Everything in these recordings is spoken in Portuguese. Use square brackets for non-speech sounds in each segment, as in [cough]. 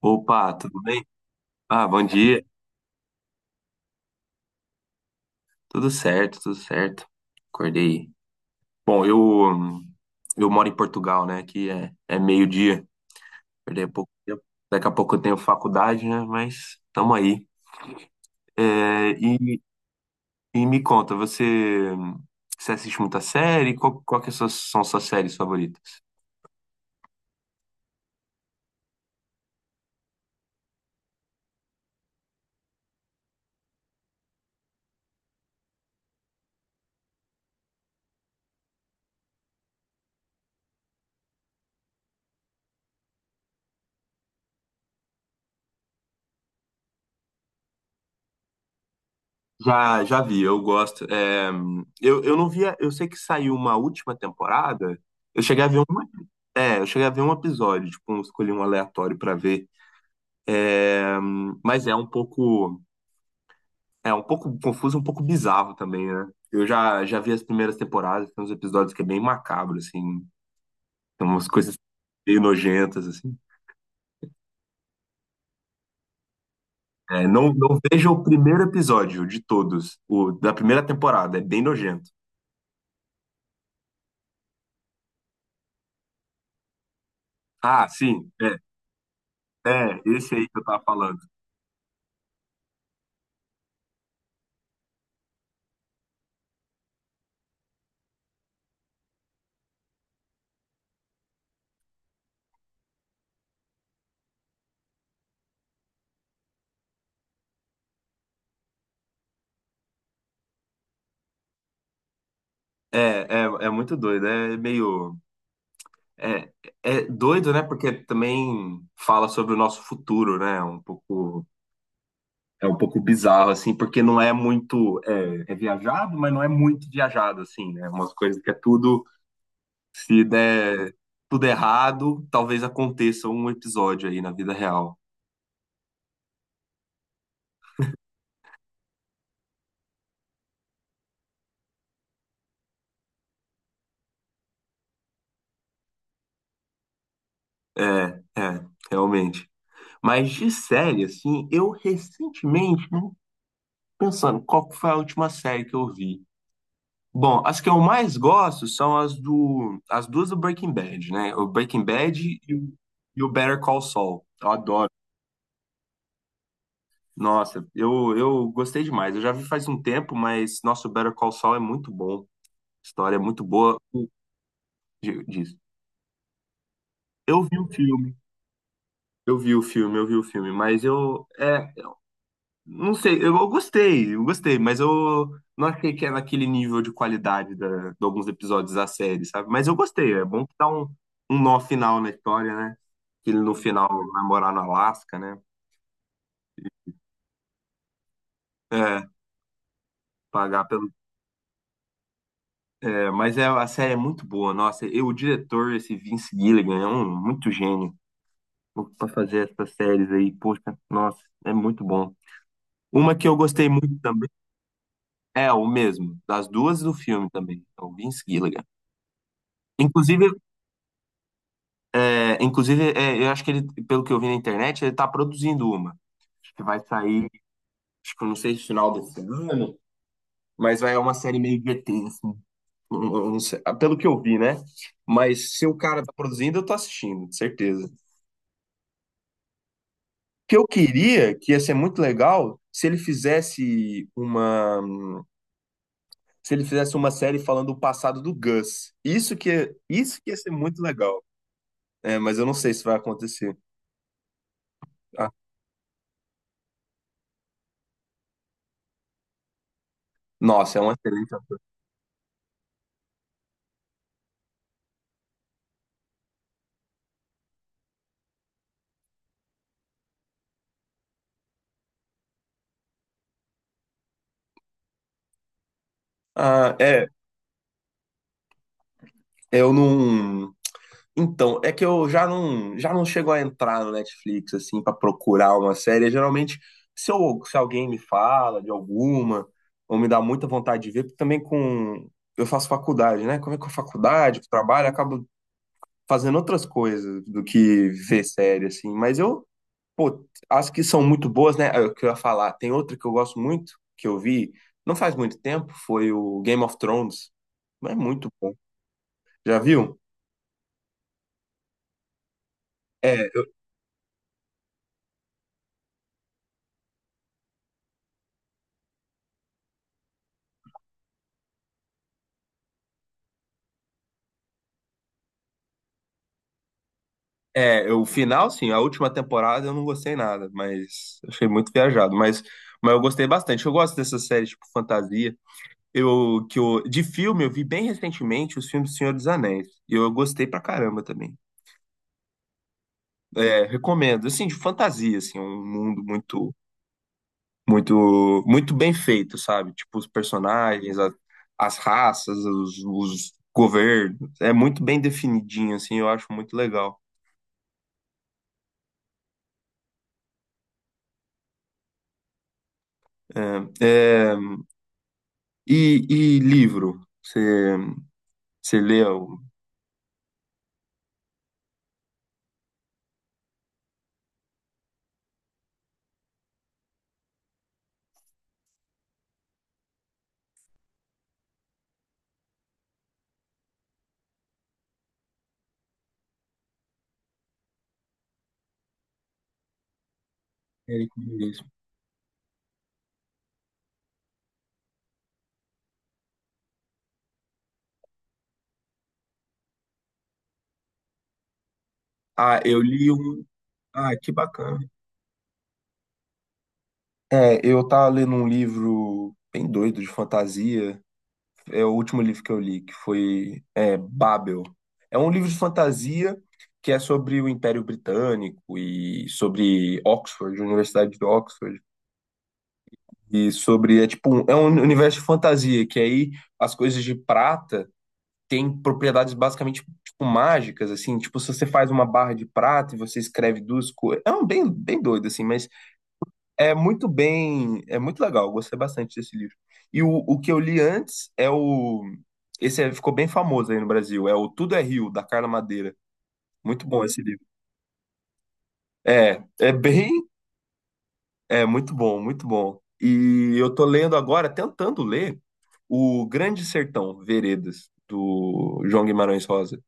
Opa, tudo bem? Ah, bom dia. Tudo certo, tudo certo. Acordei. Bom, hum, eu moro em Portugal, né? Aqui é meio-dia. Acordei há pouco tempo. Daqui a pouco eu tenho faculdade, né? Mas tamo aí. É, e, e me conta, você assiste muita série? Qual que são suas séries favoritas? Já, já vi, eu gosto. Eu não via, eu sei que saiu uma última temporada. Eu cheguei a ver um, eu cheguei a ver um episódio, tipo, eu escolhi um aleatório pra ver. É, mas é um pouco, é um pouco confuso, um pouco bizarro também, né? Eu já vi as primeiras temporadas, tem uns episódios que é bem macabro, assim, tem umas coisas meio nojentas, assim. É, não, não veja o primeiro episódio de todos, o da primeira temporada, é bem nojento. Ah, sim, é, é esse aí que eu tava falando. É, é, é muito doido, é meio. É, é doido, né? Porque também fala sobre o nosso futuro, né? Um pouco. É um pouco bizarro, assim, porque não é muito. É, é viajado, mas não é muito viajado, assim, né? É umas coisas que é tudo. Se der tudo errado, talvez aconteça um episódio aí na vida real. É, é, realmente. Mas de série, assim, eu recentemente, né, pensando, qual que foi a última série que eu vi? Bom, as que eu mais gosto são as do, as duas do Breaking Bad, né? O Breaking Bad e o, e o Better Call Saul. Eu Nossa, eu gostei demais. Eu já vi faz um tempo, mas nosso Better Call Saul é muito bom. História é muito boa. Diz. Eu vi o filme, eu vi o filme, eu vi o filme, mas eu não sei, eu gostei, mas eu não achei que é naquele nível de qualidade da, de alguns episódios da série, sabe? Mas eu gostei, é bom que dá um, um nó final na história, né? Que ele no final namorar no Alasca, né? É, pagar pelo. É, mas é, a série é muito boa, nossa. E o diretor, esse Vince Gilligan, é um muito gênio para fazer essas séries aí. Poxa, nossa, é muito bom. Uma que eu gostei muito também é o mesmo, das duas do filme também, é o Vince Gilligan. Inclusive, inclusive é, eu acho que ele, pelo que eu vi na internet, ele tá produzindo uma. Acho que vai sair, acho que eu não sei se final desse ano, mas vai é uma série meio GT, assim. Eu não sei, pelo que eu vi, né? Mas se o cara tá produzindo, eu tô assistindo, de certeza. Que eu queria, que ia ser muito legal, se ele fizesse uma série falando o passado do Gus. Isso que ia ser muito legal. É, mas eu não sei se vai acontecer. Ah, nossa, é uma excelente. Ah, é, eu não. Então, é que eu já não chego a entrar no Netflix assim para procurar uma série. Geralmente, se eu, se alguém me fala de alguma, ou me dá muita vontade de ver, porque também com eu faço faculdade, né? Como é que é a faculdade, trabalho, acabo fazendo outras coisas do que ver série, assim. Mas eu, pô, acho que são muito boas, né? É o que eu ia falar. Tem outra que eu gosto muito, que eu vi não faz muito tempo, foi o Game of Thrones. Mas é muito bom. Já viu? É, é, o final, sim, a última temporada eu não gostei nada, mas achei muito viajado. Mas eu gostei bastante. Eu gosto dessas séries tipo fantasia. Eu, que eu, de filme, eu vi bem recentemente os filmes do Senhor dos Anéis. E eu gostei pra caramba também. É, recomendo. Assim, de fantasia, assim, um mundo muito, muito, muito bem feito, sabe? Tipo, os personagens, as raças, os governos. É muito bem definidinho, assim, eu acho muito legal. É, é, e livro? Você leu? Eric Ries. Ah, eu li um. Ah, que bacana. É, eu tava lendo um livro bem doido de fantasia. É o último livro que eu li, que foi é, Babel. É um livro de fantasia que é sobre o Império Britânico e sobre Oxford, Universidade de Oxford, e sobre, é tipo, é um universo de fantasia, que aí as coisas de prata têm propriedades basicamente tipo, mágicas, assim, tipo, se você faz uma barra de prata e você escreve duas coisas, é um bem, bem doido, assim, mas é muito bem, é muito legal, eu gostei bastante desse livro. E o que eu li antes é o. Ficou bem famoso aí no Brasil, é o Tudo é Rio, da Carla Madeira. Muito bom esse livro. É, é bem. É muito bom, muito bom. E eu tô lendo agora, tentando ler, O Grande Sertão, Veredas, do João Guimarães Rosa.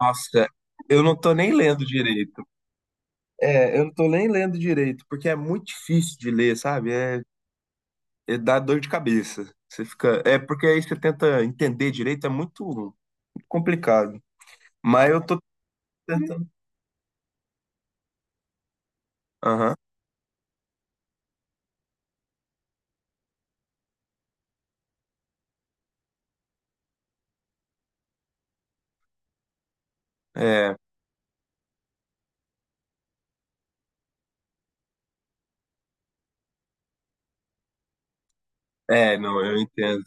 Nossa, eu não tô nem lendo direito. É, eu não tô nem lendo direito, porque é muito difícil de ler, sabe? É, é, dá dor de cabeça. Você fica. É porque aí você tenta entender direito, é muito, muito complicado. Mas eu tô tentando. Aham. É. É, não, eu entendo.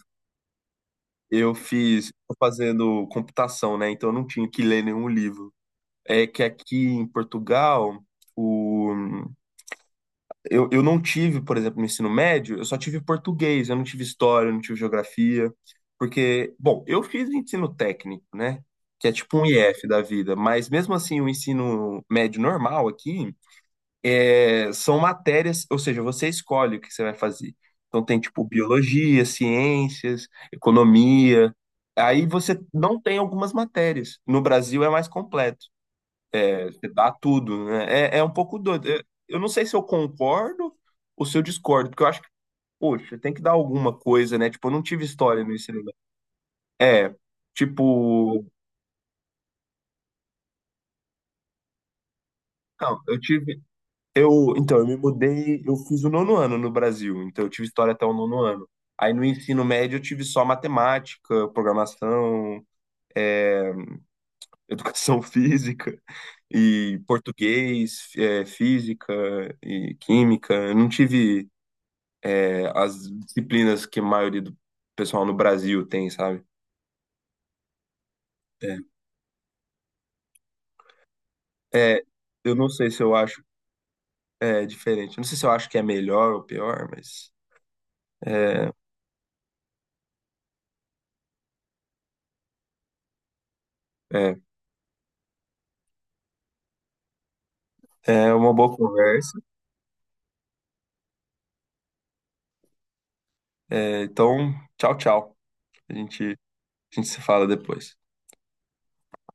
Eu fiz, tô fazendo computação, né? Então eu não tinha que ler nenhum livro. É que aqui em Portugal, o eu não tive, por exemplo, no ensino médio, eu só tive português, eu não tive história, eu não tive geografia, porque, bom, eu fiz ensino técnico, né? Que é tipo um IF da vida, mas mesmo assim o ensino médio normal aqui é, são matérias, ou seja, você escolhe o que você vai fazer. Então tem tipo biologia, ciências, economia. Aí você não tem algumas matérias. No Brasil é mais completo. Você dá tudo, né? É, é um pouco doido. Eu não sei se eu concordo ou se eu discordo, porque eu acho que, poxa, tem que dar alguma coisa, né? Tipo, eu não tive história no ensino médio. É, tipo, não, eu tive, eu, então, eu me mudei, eu fiz o nono ano no Brasil, então eu tive história até o nono ano. Aí no ensino médio eu tive só matemática, programação, é, educação [laughs] física e português, é, física e química. Eu não tive. É, as disciplinas que a maioria do pessoal no Brasil tem, sabe? É. É, eu não sei se eu acho é, diferente. Eu não sei se eu acho que é melhor ou pior, mas é, é, é uma boa conversa. É, então, tchau, tchau. A gente, a gente se fala depois.